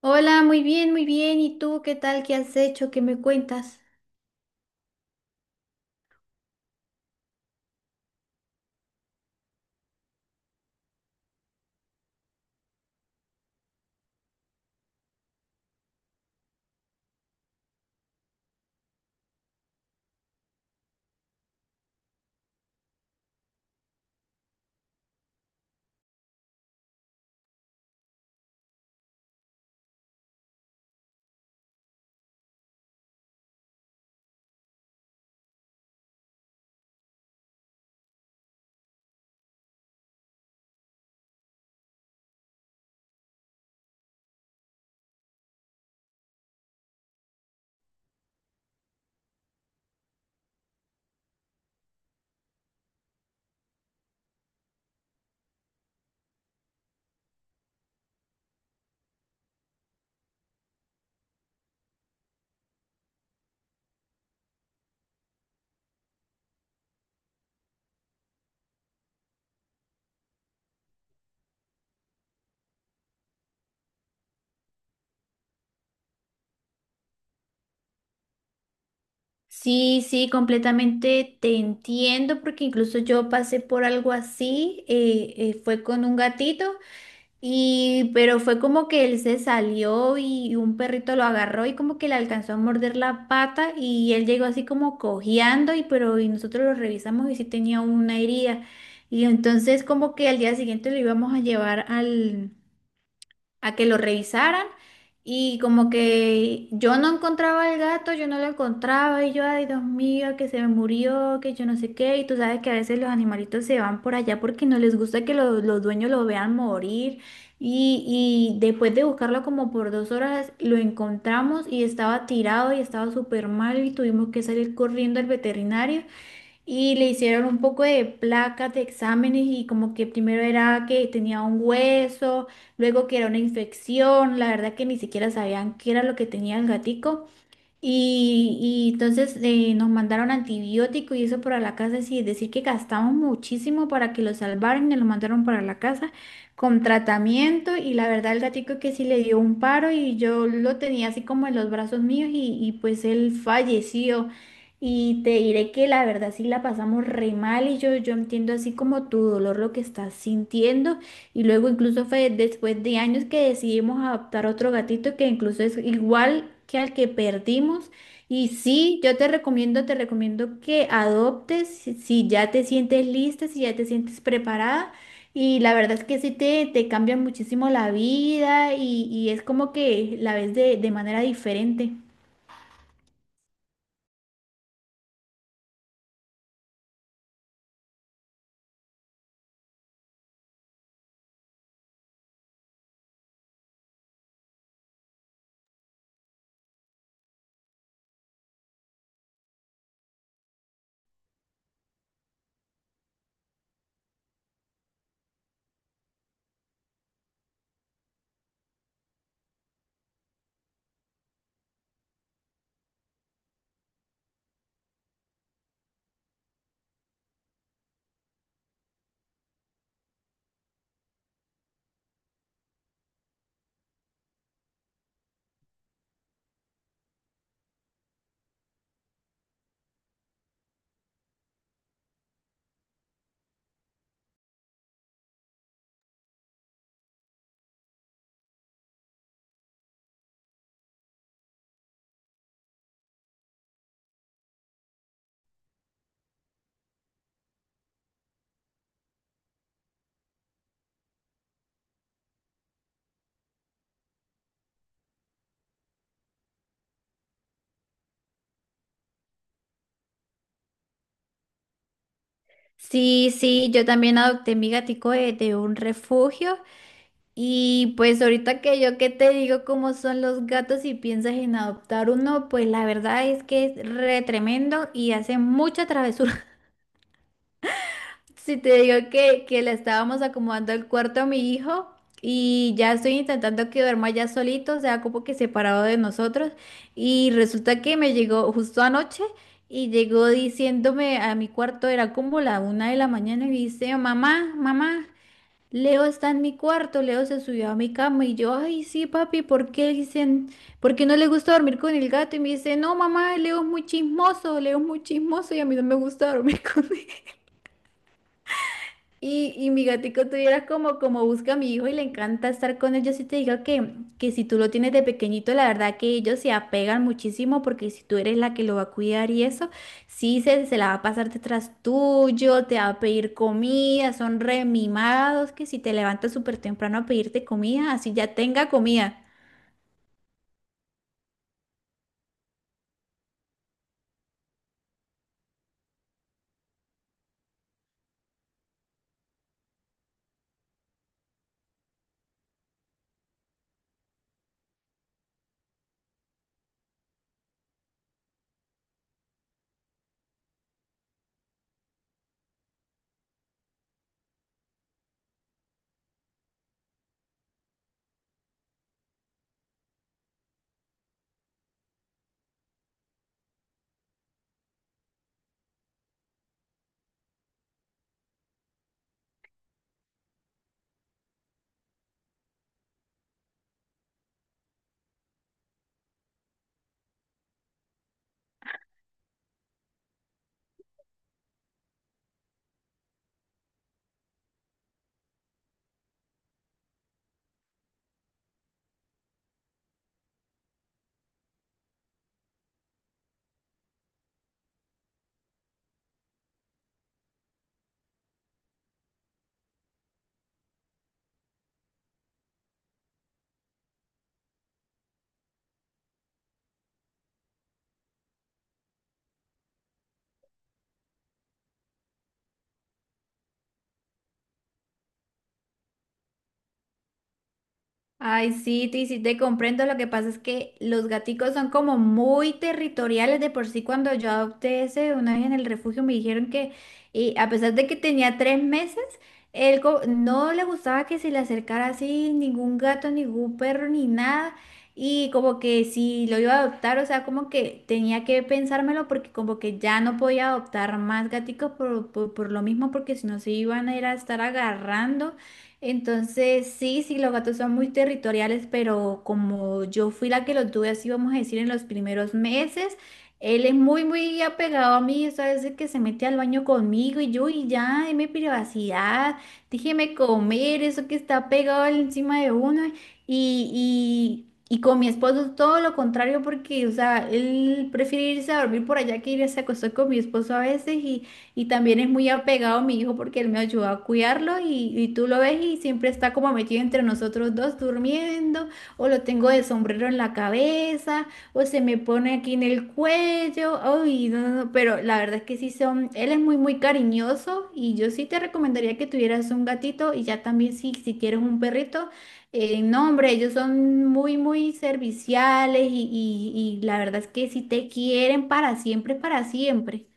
Hola, muy bien, muy bien. ¿Y tú qué tal? ¿Qué has hecho? ¿Qué me cuentas? Sí, sí, completamente te entiendo porque incluso yo pasé por algo así, fue con un gatito y pero fue como que él se salió y un perrito lo agarró y como que le alcanzó a morder la pata y él llegó así como cojeando y pero y nosotros lo revisamos y sí tenía una herida y entonces como que al día siguiente lo íbamos a llevar al a que lo revisaran y como que yo no encontraba el gato, yo no lo encontraba y yo, ay Dios mío, que se me murió, que yo no sé qué, y tú sabes que a veces los animalitos se van por allá porque no les gusta que los dueños lo vean morir y después de buscarlo como por 2 horas lo encontramos y estaba tirado y estaba súper mal y tuvimos que salir corriendo al veterinario y le hicieron un poco de placas de exámenes y como que primero era que tenía un hueso, luego que era una infección, la verdad que ni siquiera sabían qué era lo que tenía el gatico. Y entonces nos mandaron antibiótico y eso para la casa, sí, es decir que gastamos muchísimo para que lo salvaran y lo mandaron para la casa con tratamiento y la verdad el gatico que sí le dio un paro y yo lo tenía así como en los brazos míos y pues él falleció y te diré que la verdad sí la pasamos re mal yo entiendo así como tu dolor lo que estás sintiendo. Y luego incluso fue después de años que decidimos adoptar otro gatito que incluso es igual que al que perdimos. Y sí, yo te recomiendo que adoptes si ya te sientes lista, si ya te sientes preparada. Y la verdad es que sí te cambia muchísimo la vida y es como que la ves de manera diferente. Sí, sí, yo también adopté mi gatico de un refugio. Y pues ahorita que yo que te digo cómo son los gatos y piensas en adoptar uno, pues la verdad es que es re tremendo y hace mucha travesura. Si te digo que le estábamos acomodando el cuarto a mi hijo y ya estoy intentando que duerma ya solito, o sea, como que separado de nosotros. Y resulta que me llegó justo anoche y llegó diciéndome a mi cuarto, era como la 1 de la mañana y dice, mamá, mamá. Leo está en mi cuarto, Leo se subió a mi cama y yo, ay, sí, papi, ¿por qué dicen, por qué no le gusta dormir con el gato? Y me dice, no, mamá, Leo es muy chismoso, Leo es muy chismoso y a mí no me gusta dormir con él. Y mi gatico tuviera como, como busca a mi hijo y le encanta estar con él. Yo sí te digo que si tú lo tienes de pequeñito, la verdad que ellos se apegan muchísimo porque si tú eres la que lo va a cuidar y eso, sí se la va a pasar detrás tuyo, te va a pedir comida, son re mimados que si te levantas súper temprano a pedirte comida, así ya tenga comida. Ay, sí, te comprendo. Lo que pasa es que los gaticos son como muy territoriales. De por sí, cuando yo adopté ese una vez en el refugio, me dijeron que, y a pesar de que tenía 3 meses, no le gustaba que se le acercara así ningún gato, ningún perro, ni nada. Y como que si lo iba a adoptar, o sea, como que tenía que pensármelo porque como que ya no podía adoptar más gaticos por lo mismo, porque si no se iban a ir a estar agarrando. Entonces, sí, sí, los gatos son muy territoriales, pero como yo fui la que lo tuve, así vamos a decir, en los primeros meses, él es muy, muy apegado a mí, eso a veces que se mete al baño conmigo y yo, y ya, deme privacidad, déjeme comer, eso que está pegado encima de uno, y con mi esposo es todo lo contrario, porque, o sea, él prefiere irse a dormir por allá que irse a acostar con mi esposo a veces, y también es muy apegado a mi hijo porque él me ayuda a cuidarlo y tú lo ves y siempre está como metido entre nosotros dos durmiendo o lo tengo de sombrero en la cabeza o se me pone aquí en el cuello. Ay, no, no, no, pero la verdad es que sí son, él es muy, muy cariñoso y yo sí te recomendaría que tuvieras un gatito y ya también si, si quieres un perrito. No, hombre, ellos son muy, muy serviciales y la verdad es que sí te quieren para siempre, para siempre.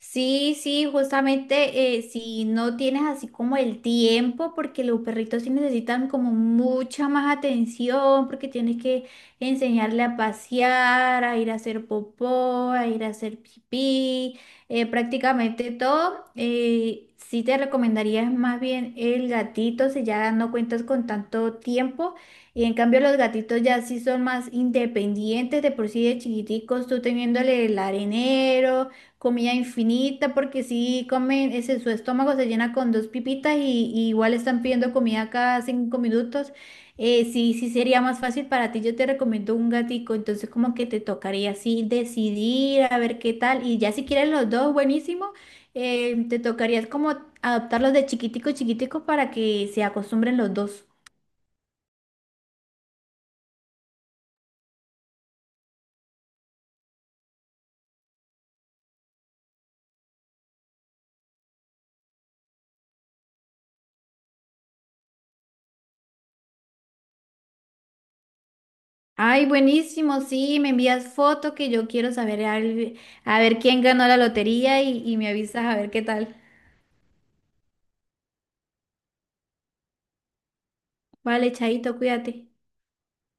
Sí, sí, justamente si no tienes así como el tiempo, porque los perritos sí necesitan como mucha más atención, porque tienes que enseñarle a pasear, a ir a hacer popó, a ir a hacer pipí, prácticamente todo. Sí te recomendarías más bien el gatito si ya no cuentas con tanto tiempo. Y en cambio los gatitos ya sí son más independientes, de por sí de chiquiticos, tú teniéndole el arenero. Comida infinita, porque si comen, ese, su estómago se llena con dos pipitas y igual están pidiendo comida cada 5 minutos. Sí, sí sería más fácil para ti. Yo te recomiendo un gatico, entonces como que te tocaría así decidir a ver qué tal. Y ya si quieren los dos, buenísimo. Te tocaría como adoptarlos de chiquitico, chiquitico para que se acostumbren los dos. Ay, buenísimo, sí, me envías foto que yo quiero saber al- a ver quién ganó la lotería y me avisas a ver qué tal. Vale, Chaito, cuídate.